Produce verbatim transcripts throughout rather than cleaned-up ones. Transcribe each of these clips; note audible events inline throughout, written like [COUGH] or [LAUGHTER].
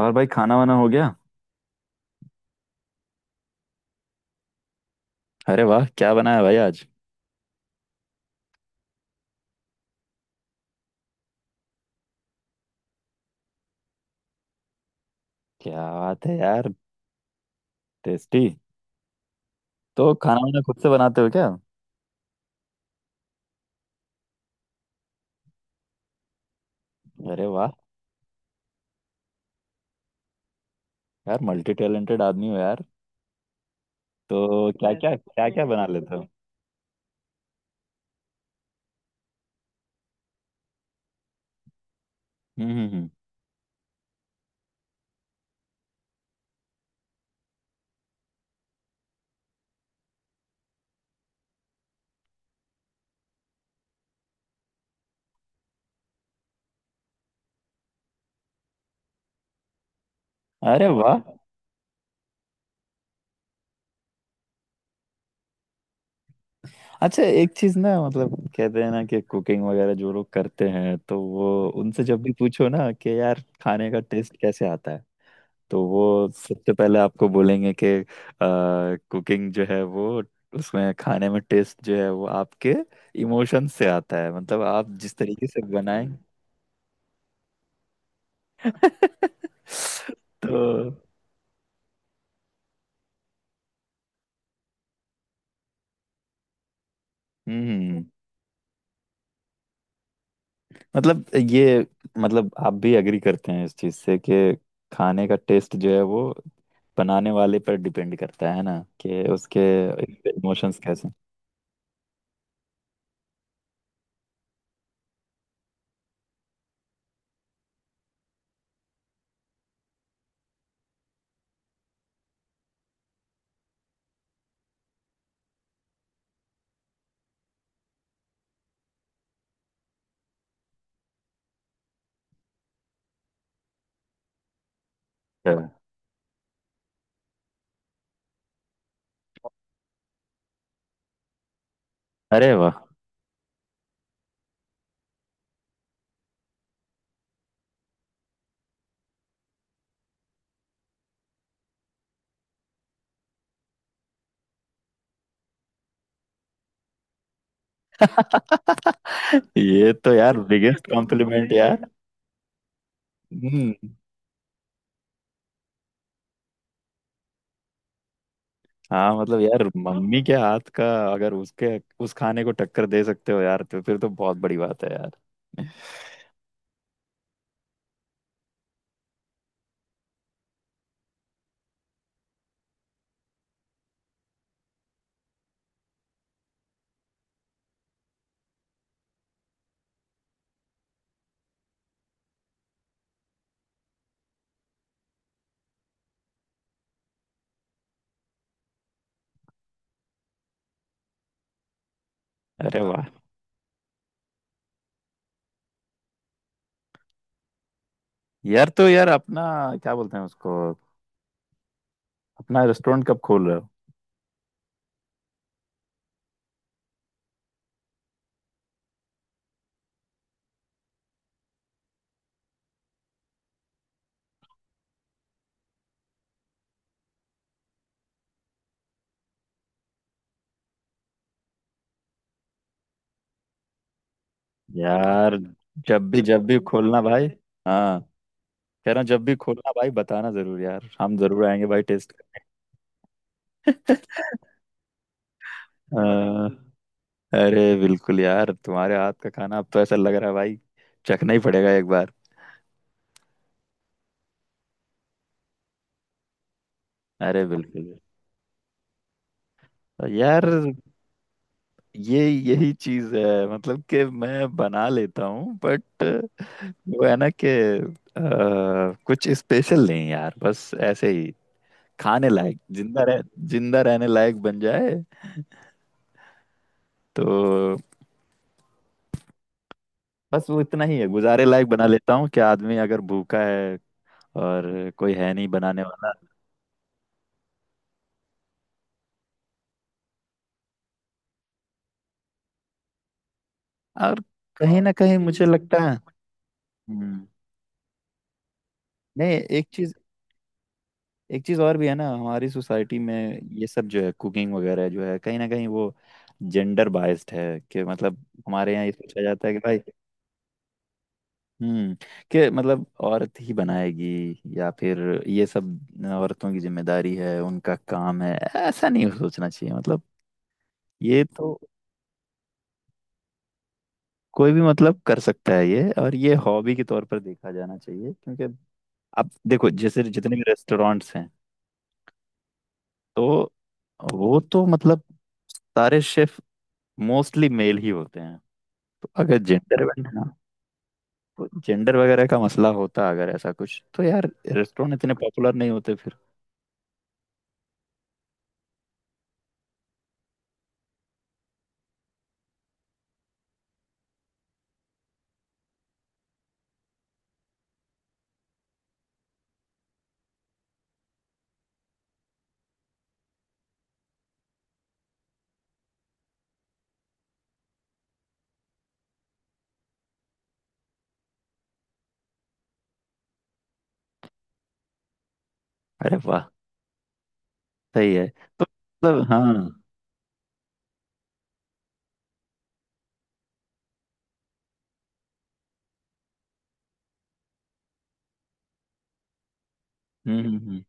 और भाई, खाना वाना हो गया? अरे वाह, क्या बनाया भाई आज? क्या बात है यार। टेस्टी। तो खाना वाना खुद से बनाते हो क्या? अरे वाह। यार मल्टी टैलेंटेड आदमी हो यार। तो क्या क्या क्या क्या बना लेते हो? हम्म हम्म हम्म। अरे वाह। अच्छा एक चीज ना, मतलब कहते हैं ना कि कुकिंग वगैरह जो लोग करते हैं तो वो उनसे जब भी पूछो ना कि यार खाने का टेस्ट कैसे आता है, तो वो सबसे पहले आपको बोलेंगे कि कुकिंग जो है वो, उसमें खाने में टेस्ट जो है वो आपके इमोशन से आता है। मतलब आप जिस तरीके से बनाएं। [LAUGHS] तो हम्म। मतलब ये, मतलब आप भी एग्री करते हैं इस चीज से कि खाने का टेस्ट जो है वो बनाने वाले पर डिपेंड करता है, ना कि उसके इमोशंस कैसे हैं। अरे वाह, ये तो यार बिगेस्ट कॉम्प्लीमेंट यार। हम्म। हाँ, मतलब यार मम्मी के हाथ का, अगर उसके उस खाने को टक्कर दे सकते हो यार तो फिर तो बहुत बड़ी बात है यार। अरे वाह। यार तो यार अपना, क्या बोलते हैं उसको, अपना रेस्टोरेंट कब खोल रहे हो? यार जब भी जब भी खोलना भाई। हाँ, कह रहा हूँ जब भी खोलना भाई, बताना जरूर यार, हम जरूर आएंगे भाई टेस्ट। अरे बिल्कुल यार, तुम्हारे हाथ का खाना अब तो ऐसा लग रहा है भाई चखना ही पड़ेगा एक बार। अरे बिल्कुल। यार ये यही चीज है, मतलब कि मैं बना लेता हूँ बट वो है ना कि अ, कुछ स्पेशल नहीं यार, बस ऐसे ही। खाने लायक जिंदा रह जिंदा रहने लायक बन जाए, तो बस वो इतना ही है, गुजारे लायक बना लेता हूँ कि आदमी अगर भूखा है और कोई है नहीं बनाने वाला। और कहीं ना कहीं मुझे लगता है हम्म, नहीं एक चीज एक चीज़ और भी है ना हमारी सोसाइटी में। ये सब जो है कुकिंग वगैरह जो है, कहीं ना कहीं वो जेंडर बाइस्ड है। कि मतलब हमारे यहाँ ये सोचा जाता है कि भाई हम्म, कि मतलब औरत ही बनाएगी, या फिर ये सब औरतों की जिम्मेदारी है, उनका काम है। ऐसा नहीं सोचना चाहिए। मतलब ये तो कोई भी मतलब कर सकता है ये, और ये हॉबी के तौर पर देखा जाना चाहिए। क्योंकि अब देखो जैसे जितने भी रेस्टोरेंट्स हैं तो वो तो मतलब सारे शेफ मोस्टली मेल ही होते हैं। तो अगर जेंडर ना तो जेंडर वगैरह का मसला होता अगर ऐसा कुछ, तो यार रेस्टोरेंट इतने पॉपुलर नहीं होते फिर। अरे वाह। सही है। तो मतलब हाँ हम्म हम्म, हम्म।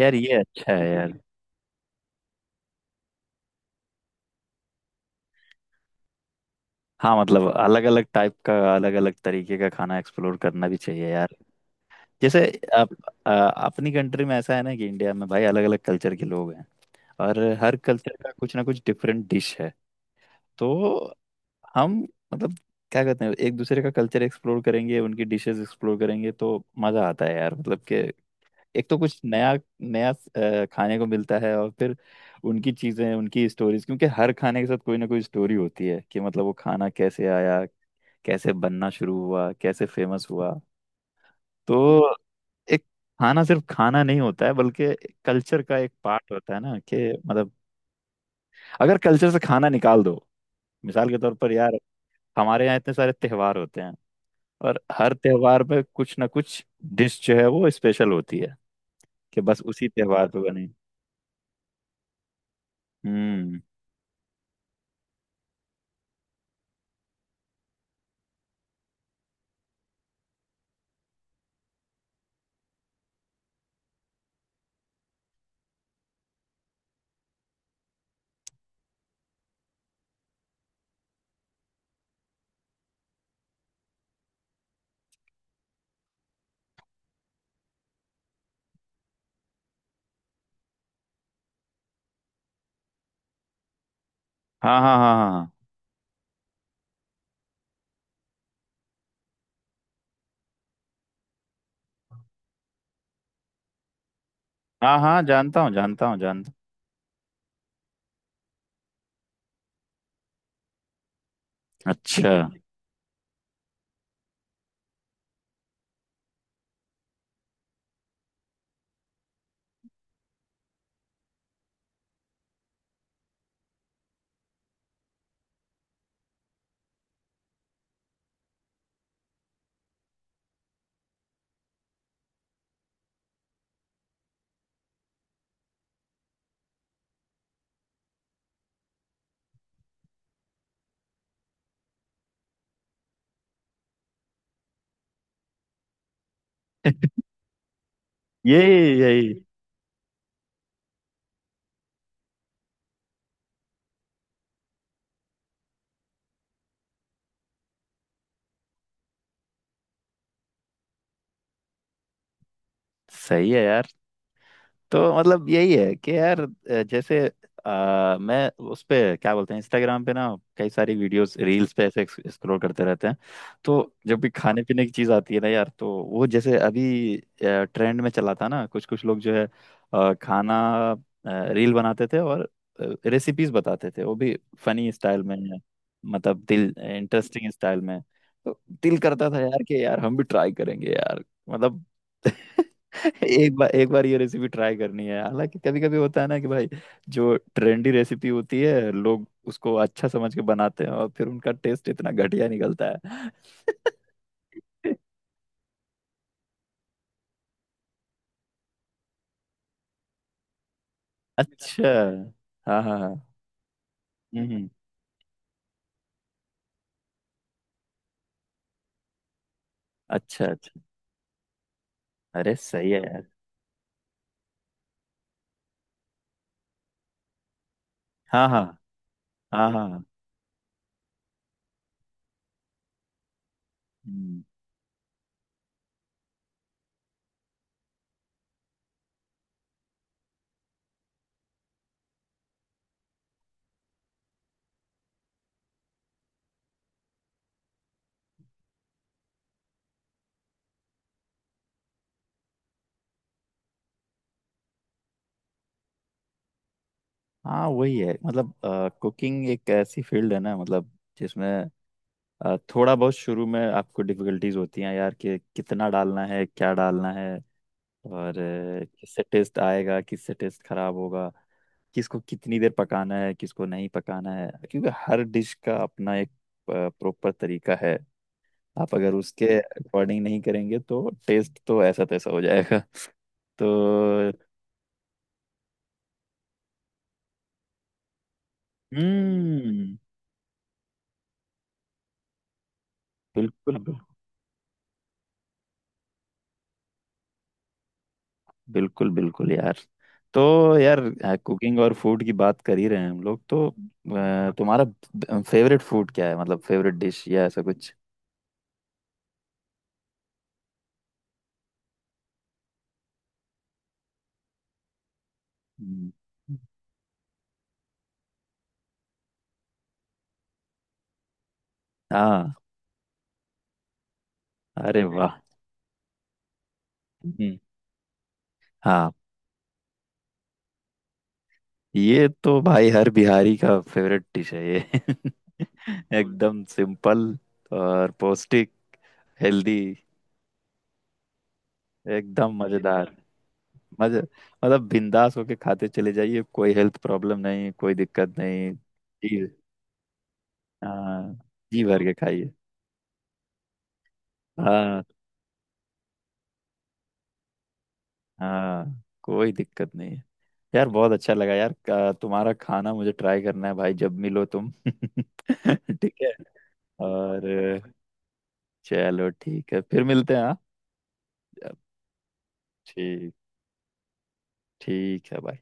यार ये अच्छा है यार। हाँ मतलब अलग अलग टाइप का अलग अलग तरीके का खाना एक्सप्लोर करना भी चाहिए यार। जैसे आप आ, अपनी कंट्री में ऐसा है ना कि इंडिया में भाई अलग अलग कल्चर के लोग हैं, और हर कल्चर का कुछ ना कुछ डिफरेंट डिश है। तो हम मतलब क्या कहते हैं, एक दूसरे का कल्चर एक्सप्लोर करेंगे, उनकी डिशेस एक्सप्लोर करेंगे तो मजा आता है यार। मतलब कि एक तो कुछ नया नया अ, खाने को मिलता है, और फिर उनकी चीजें उनकी स्टोरीज, क्योंकि हर खाने के साथ कोई ना कोई स्टोरी होती है कि मतलब वो खाना कैसे आया, कैसे बनना शुरू हुआ, कैसे फेमस हुआ। तो एक खाना सिर्फ खाना नहीं होता है, बल्कि कल्चर का एक पार्ट होता है ना कि मतलब। अगर कल्चर से खाना निकाल दो, मिसाल के तौर पर यार, हमारे यहाँ इतने सारे त्योहार होते हैं, और हर त्योहार में कुछ ना कुछ डिश जो है वो स्पेशल होती है, कि बस उसी त्योहार पे बने। हम्म। हाँ हाँ हाँ हाँ। हाँ हाँ हाँ, जानता हूँ जानता हूँ जानता हूँ। अच्छा। [LAUGHS] यही यही। सही है यार। तो मतलब यही है कि यार अ, जैसे अ, मैं उस पे क्या बोलते हैं इंस्टाग्राम पे ना, कई सारी वीडियोस रील्स पे ऐसे स्क्रॉल करते रहते हैं। तो जब भी खाने पीने की चीज़ आती है ना यार, तो वो जैसे अभी ट्रेंड में चला था ना, कुछ कुछ लोग जो है अ, खाना रील बनाते थे, और रेसिपीज बताते थे वो भी फनी स्टाइल में, मतलब दिल इंटरेस्टिंग स्टाइल में। तो दिल करता था यार कि यार हम भी ट्राई करेंगे यार। मतलब [LAUGHS] एक बार एक बार ये रेसिपी ट्राई करनी है। हालांकि कभी कभी होता है ना कि भाई जो ट्रेंडी रेसिपी होती है, लोग उसको अच्छा समझ के बनाते हैं, और फिर उनका टेस्ट इतना घटिया निकलता है। [LAUGHS] अच्छा। हाँ हाँ हाँ। हम्म। अच्छा अच्छा। अरे सही है यार। हाँ हाँ हाँ हाँ। हम्म, हाँ वही है। मतलब कुकिंग एक ऐसी फील्ड है ना, मतलब जिसमें अ, थोड़ा बहुत शुरू में आपको डिफिकल्टीज होती हैं यार कि कितना डालना है, क्या डालना है, और अ, किससे टेस्ट आएगा किससे टेस्ट खराब होगा, किसको कितनी देर पकाना है किसको नहीं पकाना है, क्योंकि हर डिश का अपना एक प्रॉपर तरीका है। आप अगर उसके अकॉर्डिंग नहीं करेंगे तो टेस्ट तो ऐसा तैसा हो जाएगा। [LAUGHS] तो हम्म। बिल्कुल। बिल्कुल बिल्कुल यार। तो यार कुकिंग और फूड की बात कर ही रहे हैं हम लोग, तो अ, तुम्हारा फेवरेट फूड क्या है, मतलब फेवरेट डिश या ऐसा कुछ? हम्म। हाँ। अरे वाह। हम्म। हाँ। ये तो भाई हर बिहारी का फेवरेट डिश है ये। [LAUGHS] एकदम सिंपल, और पौष्टिक, हेल्दी। एकदम मजेदार। मजे मतलब बिंदास होके खाते चले जाइए, कोई हेल्थ प्रॉब्लम नहीं, कोई दिक्कत नहीं। जी। हाँ, जी भर के खाइए। हाँ, हाँ कोई दिक्कत नहीं है। यार बहुत अच्छा लगा यार। का- तुम्हारा खाना मुझे ट्राई करना है भाई, जब मिलो तुम। [LAUGHS] ठीक है। और चलो ठीक है, फिर मिलते हैं। हाँ। ठीक, ठीक है भाई।